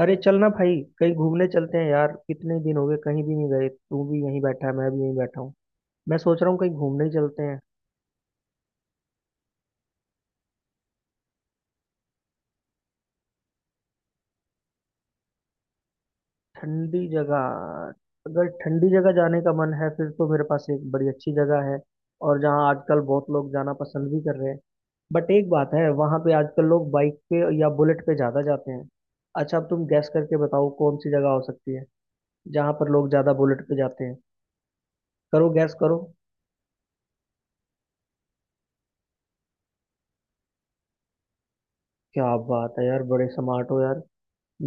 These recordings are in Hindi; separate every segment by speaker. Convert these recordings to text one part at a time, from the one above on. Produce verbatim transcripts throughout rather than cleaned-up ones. Speaker 1: अरे चलना भाई कहीं घूमने चलते हैं यार। कितने दिन हो गए कहीं भी नहीं गए। तू भी यहीं बैठा है, मैं भी यहीं बैठा हूँ। मैं सोच रहा हूँ कहीं घूमने ही चलते हैं। ठंडी जगह। अगर ठंडी जगह जाने का मन है फिर तो मेरे पास एक बड़ी अच्छी जगह है, और जहाँ आजकल बहुत लोग जाना पसंद भी कर रहे हैं। बट एक बात है, वहाँ पे आजकल लोग बाइक पे या बुलेट पे ज़्यादा जाते हैं। अच्छा अब तुम गैस करके बताओ कौन सी जगह हो सकती है जहाँ पर लोग ज़्यादा बुलेट पे जाते हैं। करो गैस करो। क्या बात है यार, बड़े स्मार्ट हो यार।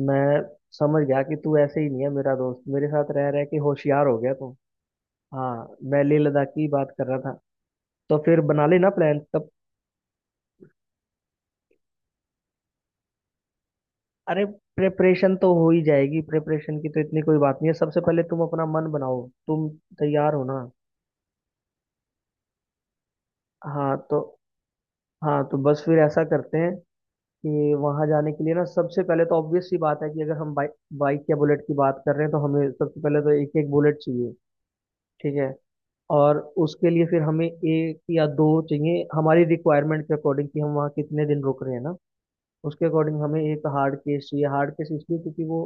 Speaker 1: मैं समझ गया कि तू ऐसे ही नहीं है, मेरा दोस्त मेरे साथ रह रह के होशियार हो गया तू। हाँ मैं लेह लद्दाख की बात कर रहा था। तो फिर बना लेना प्लान तब। अरे प्रिपरेशन तो हो ही जाएगी, प्रिपरेशन की तो इतनी कोई बात नहीं है। सबसे पहले तुम अपना मन बनाओ। तुम तैयार हो ना। हाँ तो हाँ तो बस फिर ऐसा करते हैं कि वहाँ जाने के लिए ना सबसे पहले तो ऑब्वियस सी बात है कि अगर हम बाइक बाइक या बुलेट की बात कर रहे हैं तो हमें सबसे पहले तो एक एक बुलेट चाहिए। ठीक है। और उसके लिए फिर हमें एक या दो चाहिए हमारी रिक्वायरमेंट के अकॉर्डिंग कि हम वहाँ कितने दिन रुक रहे हैं ना। उसके अकॉर्डिंग हमें एक हार्ड केस चाहिए। हार्ड केस इसलिए क्योंकि वो,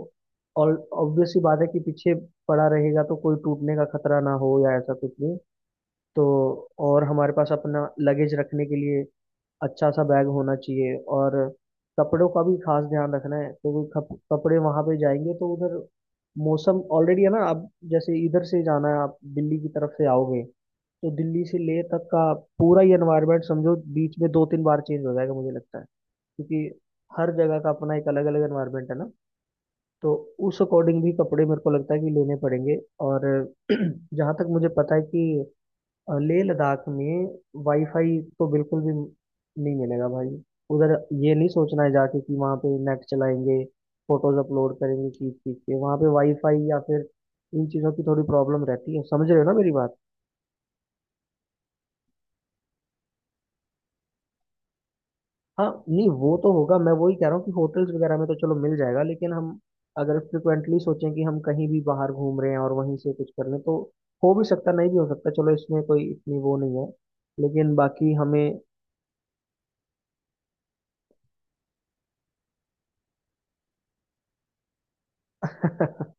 Speaker 1: और ऑब्वियस सी बात है कि पीछे पड़ा रहेगा तो कोई टूटने का खतरा ना हो या ऐसा कुछ भी। तो और हमारे पास अपना लगेज रखने के लिए अच्छा सा बैग होना चाहिए। और कपड़ों का भी खास ध्यान रखना है क्योंकि खप- कपड़े वहाँ पे जाएंगे तो उधर मौसम ऑलरेडी है ना। आप जैसे इधर से जाना है, आप दिल्ली की तरफ से आओगे, तो दिल्ली से लेह तक का पूरा ही एनवायरनमेंट समझो बीच में दो तीन बार चेंज हो जाएगा मुझे लगता है, क्योंकि हर जगह का अपना एक अलग अलग एनवायरनमेंट है ना। तो उस अकॉर्डिंग भी कपड़े मेरे को लगता है कि लेने पड़ेंगे। और जहाँ तक मुझे पता है कि अ, लेह लद्दाख में वाईफाई तो बिल्कुल भी नहीं मिलेगा भाई उधर। ये नहीं सोचना है जाके कि वहाँ पे नेट चलाएंगे, फोटोज अपलोड करेंगे खींच खींच के, वहाँ पे वाईफाई या फिर, इन चीज़ों की थोड़ी प्रॉब्लम रहती है, समझ रहे हो ना मेरी बात। हाँ नहीं वो तो होगा, मैं वही कह रहा हूँ कि होटल्स वगैरह में तो चलो मिल जाएगा, लेकिन हम अगर फ्रिक्वेंटली सोचें कि हम कहीं भी बाहर घूम रहे हैं और वहीं से कुछ कर लें तो हो भी सकता नहीं भी हो सकता। चलो इसमें कोई इतनी वो नहीं है, लेकिन बाकी हमें,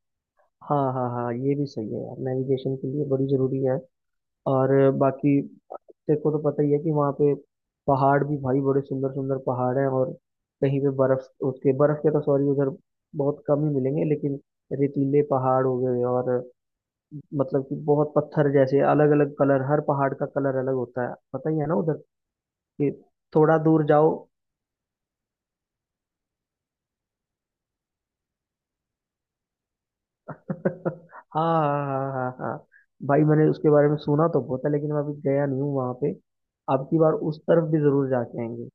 Speaker 1: हाँ हाँ हाँ ये भी सही है यार, नेविगेशन के लिए बड़ी ज़रूरी है। और बाकी तेरे को तो पता ही है कि वहाँ पे पहाड़ भी भाई बड़े सुंदर सुंदर पहाड़ हैं, और कहीं पे बर्फ, उसके बर्फ के तो सॉरी उधर बहुत कम ही मिलेंगे, लेकिन रेतीले पहाड़ हो गए, और मतलब कि बहुत पत्थर जैसे अलग अलग कलर, हर पहाड़ का कलर अलग होता है, पता ही है ना उधर। कि थोड़ा दूर जाओ। हाँ हाँ हाँ हाँ हाँ भाई मैंने उसके बारे में सुना तो बहुत है, लेकिन मैं अभी गया नहीं हूँ वहां पे। अब की बार उस तरफ भी जरूर जाके आएंगे।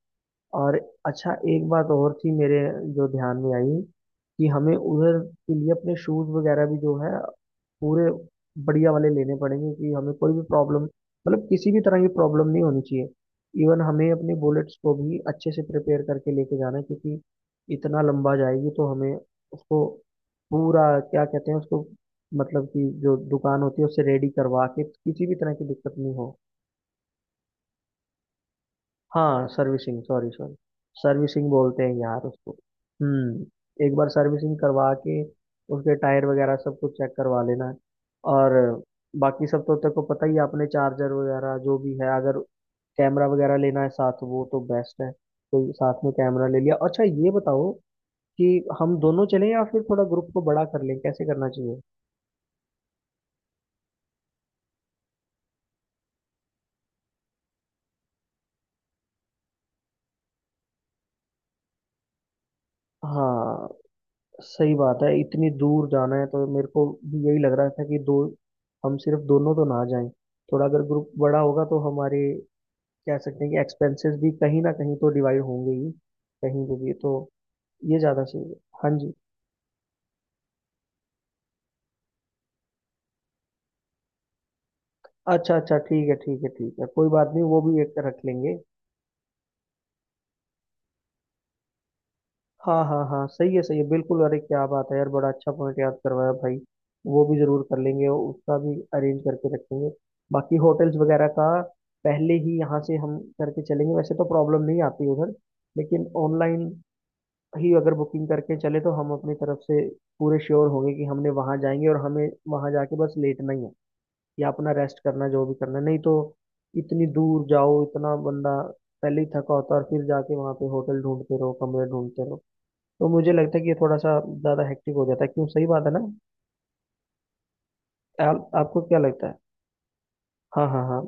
Speaker 1: और अच्छा एक बात और थी मेरे, जो ध्यान में आई, कि हमें उधर के लिए अपने शूज वगैरह भी जो है पूरे बढ़िया वाले लेने पड़ेंगे, कि हमें कोई भी प्रॉब्लम, मतलब किसी भी तरह की प्रॉब्लम नहीं होनी चाहिए। इवन हमें अपने बुलेट्स को भी अच्छे से प्रिपेयर करके लेके जाना है, क्योंकि इतना लंबा जाएगी तो हमें उसको पूरा, क्या कहते हैं उसको, मतलब कि जो दुकान होती है उससे रेडी करवा के, किसी भी तरह की दिक्कत नहीं हो। हाँ सर्विसिंग, सॉरी सॉरी, सर्विसिंग बोलते हैं यार उसको। हम्म, एक बार सर्विसिंग करवा के उसके टायर वगैरह सब कुछ चेक करवा लेना। और बाकी सब तो तेरे को पता ही है, आपने चार्जर वगैरह जो भी है, अगर कैमरा वगैरह लेना है साथ, वो तो बेस्ट है, तो साथ में कैमरा ले लिया। अच्छा ये बताओ कि हम दोनों चलें या फिर थोड़ा ग्रुप को बड़ा कर लें, कैसे करना चाहिए। हाँ सही बात है, इतनी दूर जाना है तो मेरे को भी यही लग रहा था कि दो हम सिर्फ दोनों तो ना जाएं। थोड़ा अगर ग्रुप बड़ा होगा तो हमारे, कह सकते हैं कि एक्सपेंसेस भी कहीं ना कहीं तो डिवाइड होंगे ही कहीं पे भी तो। ये ज़्यादा सही है। हाँ जी। अच्छा अच्छा, ठीक है ठीक है ठीक है, कोई बात नहीं वो भी एक रख लेंगे। हाँ हाँ हाँ सही है सही है बिल्कुल, अरे क्या बात है यार, बड़ा अच्छा पॉइंट याद करवाया भाई। वो भी जरूर कर लेंगे और उसका भी अरेंज करके रखेंगे। बाकी होटल्स वगैरह का पहले ही यहाँ से हम करके चलेंगे, वैसे तो प्रॉब्लम नहीं आती उधर, लेकिन ऑनलाइन ही अगर बुकिंग करके चले तो हम अपनी तरफ से पूरे श्योर होंगे कि हमने वहाँ जाएंगे और हमें वहाँ जाके बस लेटना ही है, या अपना रेस्ट करना है, जो भी करना है। नहीं तो इतनी दूर जाओ, इतना बंदा पहले ही थका होता है और फिर जाके वहाँ पे होटल ढूंढते रहो कमरे ढूंढते रहो, तो मुझे लगता है कि ये थोड़ा सा ज़्यादा हेक्टिक हो जाता है, क्यों सही बात है ना। आप, आपको क्या लगता है। हाँ हाँ हाँ,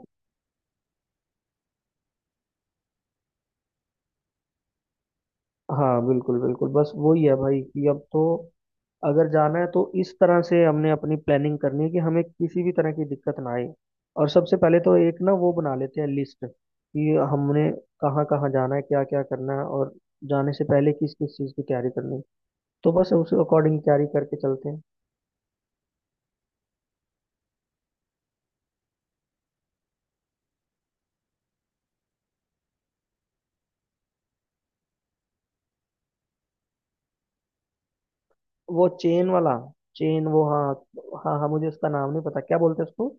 Speaker 1: हाँ बिल्कुल बिल्कुल, बस वही है भाई कि अब तो अगर जाना है तो इस तरह से हमने अपनी प्लानिंग करनी है कि हमें किसी भी तरह की दिक्कत ना आए। और सबसे पहले तो एक ना वो बना लेते हैं लिस्ट, कि हमने कहाँ कहाँ जाना है, क्या क्या करना है, और जाने से पहले किस किस चीज़ की तैयारी करनी है। तो बस उस अकॉर्डिंग तैयारी करके चलते हैं। वो चेन वाला, चेन वो, हाँ। हाँ हाँ मुझे उसका नाम नहीं पता, क्या बोलते हैं उसको।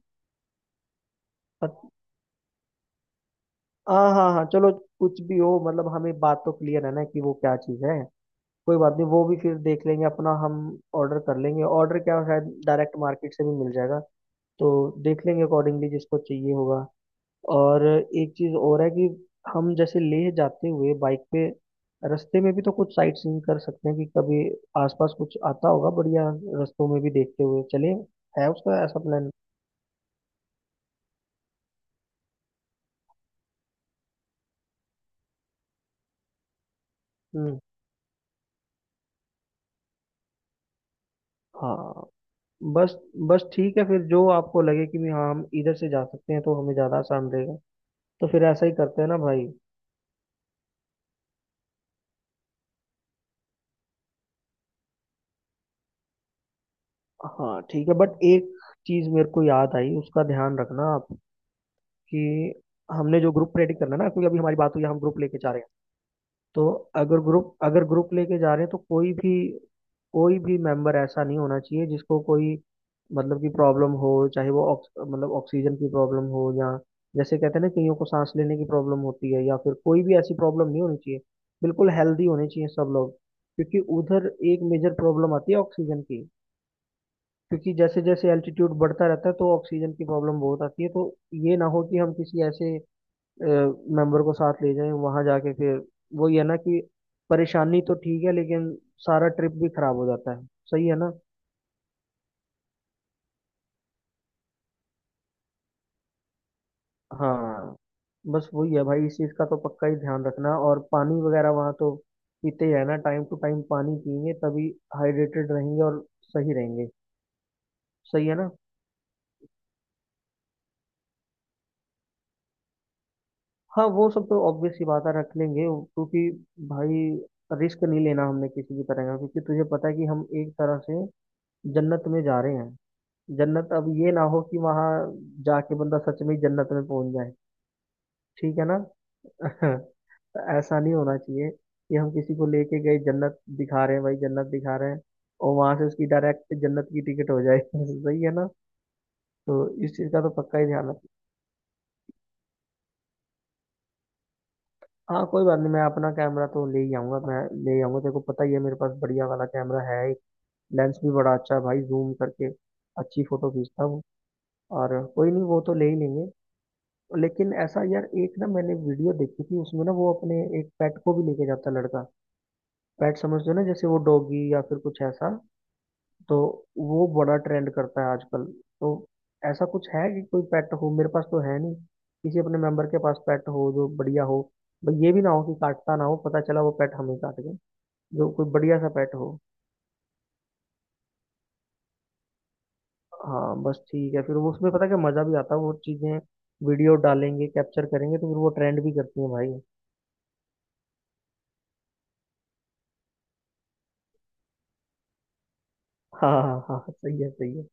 Speaker 1: हाँ हाँ हाँ चलो, कुछ भी हो, मतलब हमें बात तो क्लियर है ना कि वो क्या चीज़ है। कोई बात नहीं वो भी फिर देख लेंगे अपना हम, ऑर्डर कर लेंगे। ऑर्डर क्या, शायद डायरेक्ट मार्केट से भी मिल जाएगा। तो देख लेंगे अकॉर्डिंगली जिसको चाहिए होगा। और एक चीज़ और है कि हम जैसे लेह जाते हुए बाइक पे रास्ते में भी तो कुछ साइट सीइंग कर सकते हैं, कि कभी आसपास कुछ आता होगा बढ़िया, रास्तों में भी देखते हुए चले, है उसका ऐसा प्लान। हम्म, हाँ बस बस ठीक है फिर, जो आपको लगे कि भी हाँ हम इधर से जा सकते हैं तो हमें ज़्यादा आसान रहेगा। तो फिर ऐसा ही करते हैं ना भाई। हाँ ठीक है, बट एक चीज़ मेरे को याद आई, उसका ध्यान रखना आप, कि हमने जो ग्रुप रेडी करना है ना, क्योंकि अभी हमारी बात हुई हम ग्रुप लेके जा रहे हैं, तो अगर ग्रुप अगर ग्रुप लेके जा रहे हैं तो कोई भी कोई भी मेंबर ऐसा नहीं होना चाहिए जिसको कोई, मतलब की प्रॉब्लम हो, चाहे वो ऑक्स मतलब ऑक्सीजन की प्रॉब्लम हो, या जैसे कहते हैं ना कईयों को सांस लेने की प्रॉब्लम होती है, या फिर कोई भी ऐसी प्रॉब्लम नहीं होनी चाहिए, बिल्कुल हेल्दी होने चाहिए सब लोग। क्योंकि उधर एक मेजर प्रॉब्लम आती है ऑक्सीजन की, क्योंकि जैसे जैसे एल्टीट्यूड बढ़ता रहता है तो ऑक्सीजन की प्रॉब्लम बहुत आती है, तो ये ना हो कि हम किसी ऐसे मेंबर को साथ ले जाएं वहां जाके फिर, वही है ना कि परेशानी तो ठीक है लेकिन सारा ट्रिप भी खराब हो जाता है, सही है ना। हाँ बस वही है भाई, इस चीज का तो पक्का ही ध्यान रखना। और पानी वगैरह वहाँ तो पीते ही रहना, टाइम टू टाइम पानी पिएंगे तभी हाइड्रेटेड रहेंगे और सही रहेंगे, सही है ना। हाँ वो सब तो ऑब्वियस सी बात है, रख लेंगे, क्योंकि भाई रिस्क नहीं लेना हमने किसी भी तरह का, क्योंकि तुझे पता है कि हम एक तरह से जन्नत में जा रहे हैं। जन्नत, अब ये ना हो कि वहां जाके बंदा सच में ही जन्नत में पहुंच जाए। ठीक है ना। तो ऐसा नहीं होना चाहिए कि हम किसी को लेके गए जन्नत दिखा रहे हैं भाई जन्नत दिखा रहे हैं, और वहां से उसकी डायरेक्ट जन्नत की टिकट हो जाए। सही है ना। तो इस चीज का तो पक्का ही ध्यान रख। हाँ कोई बात नहीं, मैं अपना कैमरा तो ले ही आऊंगा, मैं ले ही आऊंगा, तेरे को पता ही है मेरे पास बढ़िया वाला कैमरा है। लेंस भी बड़ा अच्छा है भाई, जूम करके अच्छी फोटो खींचता हूँ। और कोई नहीं वो तो ले ही लेंगे। लेकिन ऐसा यार, एक ना मैंने वीडियो देखी थी, उसमें ना वो अपने एक पेट को भी लेके जाता लड़का। पेट समझते हो ना, जैसे वो डॉगी या फिर कुछ ऐसा। तो वो बड़ा ट्रेंड करता है आजकल, तो ऐसा कुछ है कि कोई पेट हो, मेरे पास तो है नहीं, किसी अपने मेंबर के पास पेट हो जो बढ़िया हो। भाई ये भी ना हो कि काटता ना हो, पता चला वो पेट हमें काट गए। जो कोई बढ़िया सा पेट हो। हाँ बस ठीक है फिर, वो उसमें पता क्या मजा भी आता है, वो चीजें वीडियो डालेंगे कैप्चर करेंगे तो फिर वो ट्रेंड भी करती हैं भाई। हाँ हाँ हाँ सही है सही है।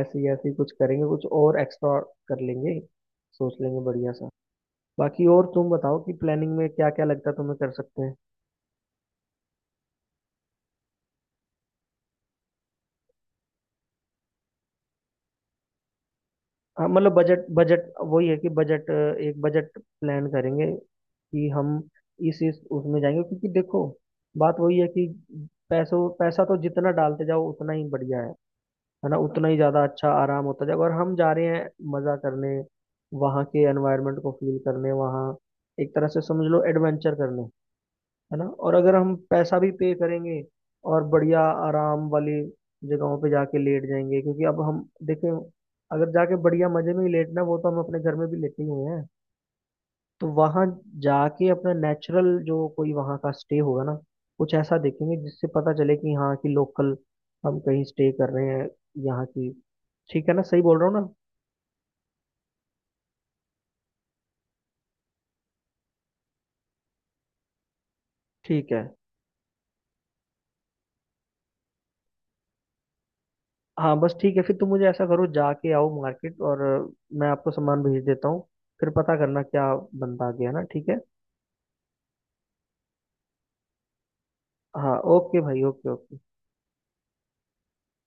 Speaker 1: ऐसे ही ऐसे ही कुछ करेंगे, कुछ और एक्स्ट्रा कर लेंगे, सोच लेंगे बढ़िया सा। बाकी और तुम बताओ कि प्लानिंग में क्या क्या लगता है, तुम्हें कर सकते हैं। हाँ मतलब बजट बजट वही है कि बजट एक बजट प्लान करेंगे कि हम इस इस उसमें जाएंगे, क्योंकि देखो बात वही है कि पैसों पैसा तो जितना डालते जाओ उतना ही बढ़िया है है ना। उतना ही ज़्यादा अच्छा आराम होता जाएगा, और हम जा रहे हैं मज़ा करने, वहाँ के एनवायरनमेंट को फील करने, वहाँ एक तरह से समझ लो एडवेंचर करने, है ना। और अगर हम पैसा भी पे करेंगे और बढ़िया आराम वाली जगहों पे जाके लेट जाएंगे, क्योंकि अब हम देखें, अगर जाके बढ़िया मजे में ही लेटना वो तो हम अपने घर में भी लेते ही हुए हैं। तो वहां जाके अपना नेचुरल जो कोई वहां का स्टे होगा ना, कुछ ऐसा देखेंगे जिससे पता चले कि हाँ कि लोकल हम कहीं स्टे कर रहे हैं, यहाँ की। ठीक है ना, सही बोल रहा हूँ ना। ठीक है। हाँ बस ठीक है फिर तुम मुझे ऐसा करो, जाके आओ मार्केट और अ, मैं आपको सामान भेज देता हूँ, फिर पता करना क्या बनता गया ना, ठीक है। हाँ ओके भाई, ओके ओके।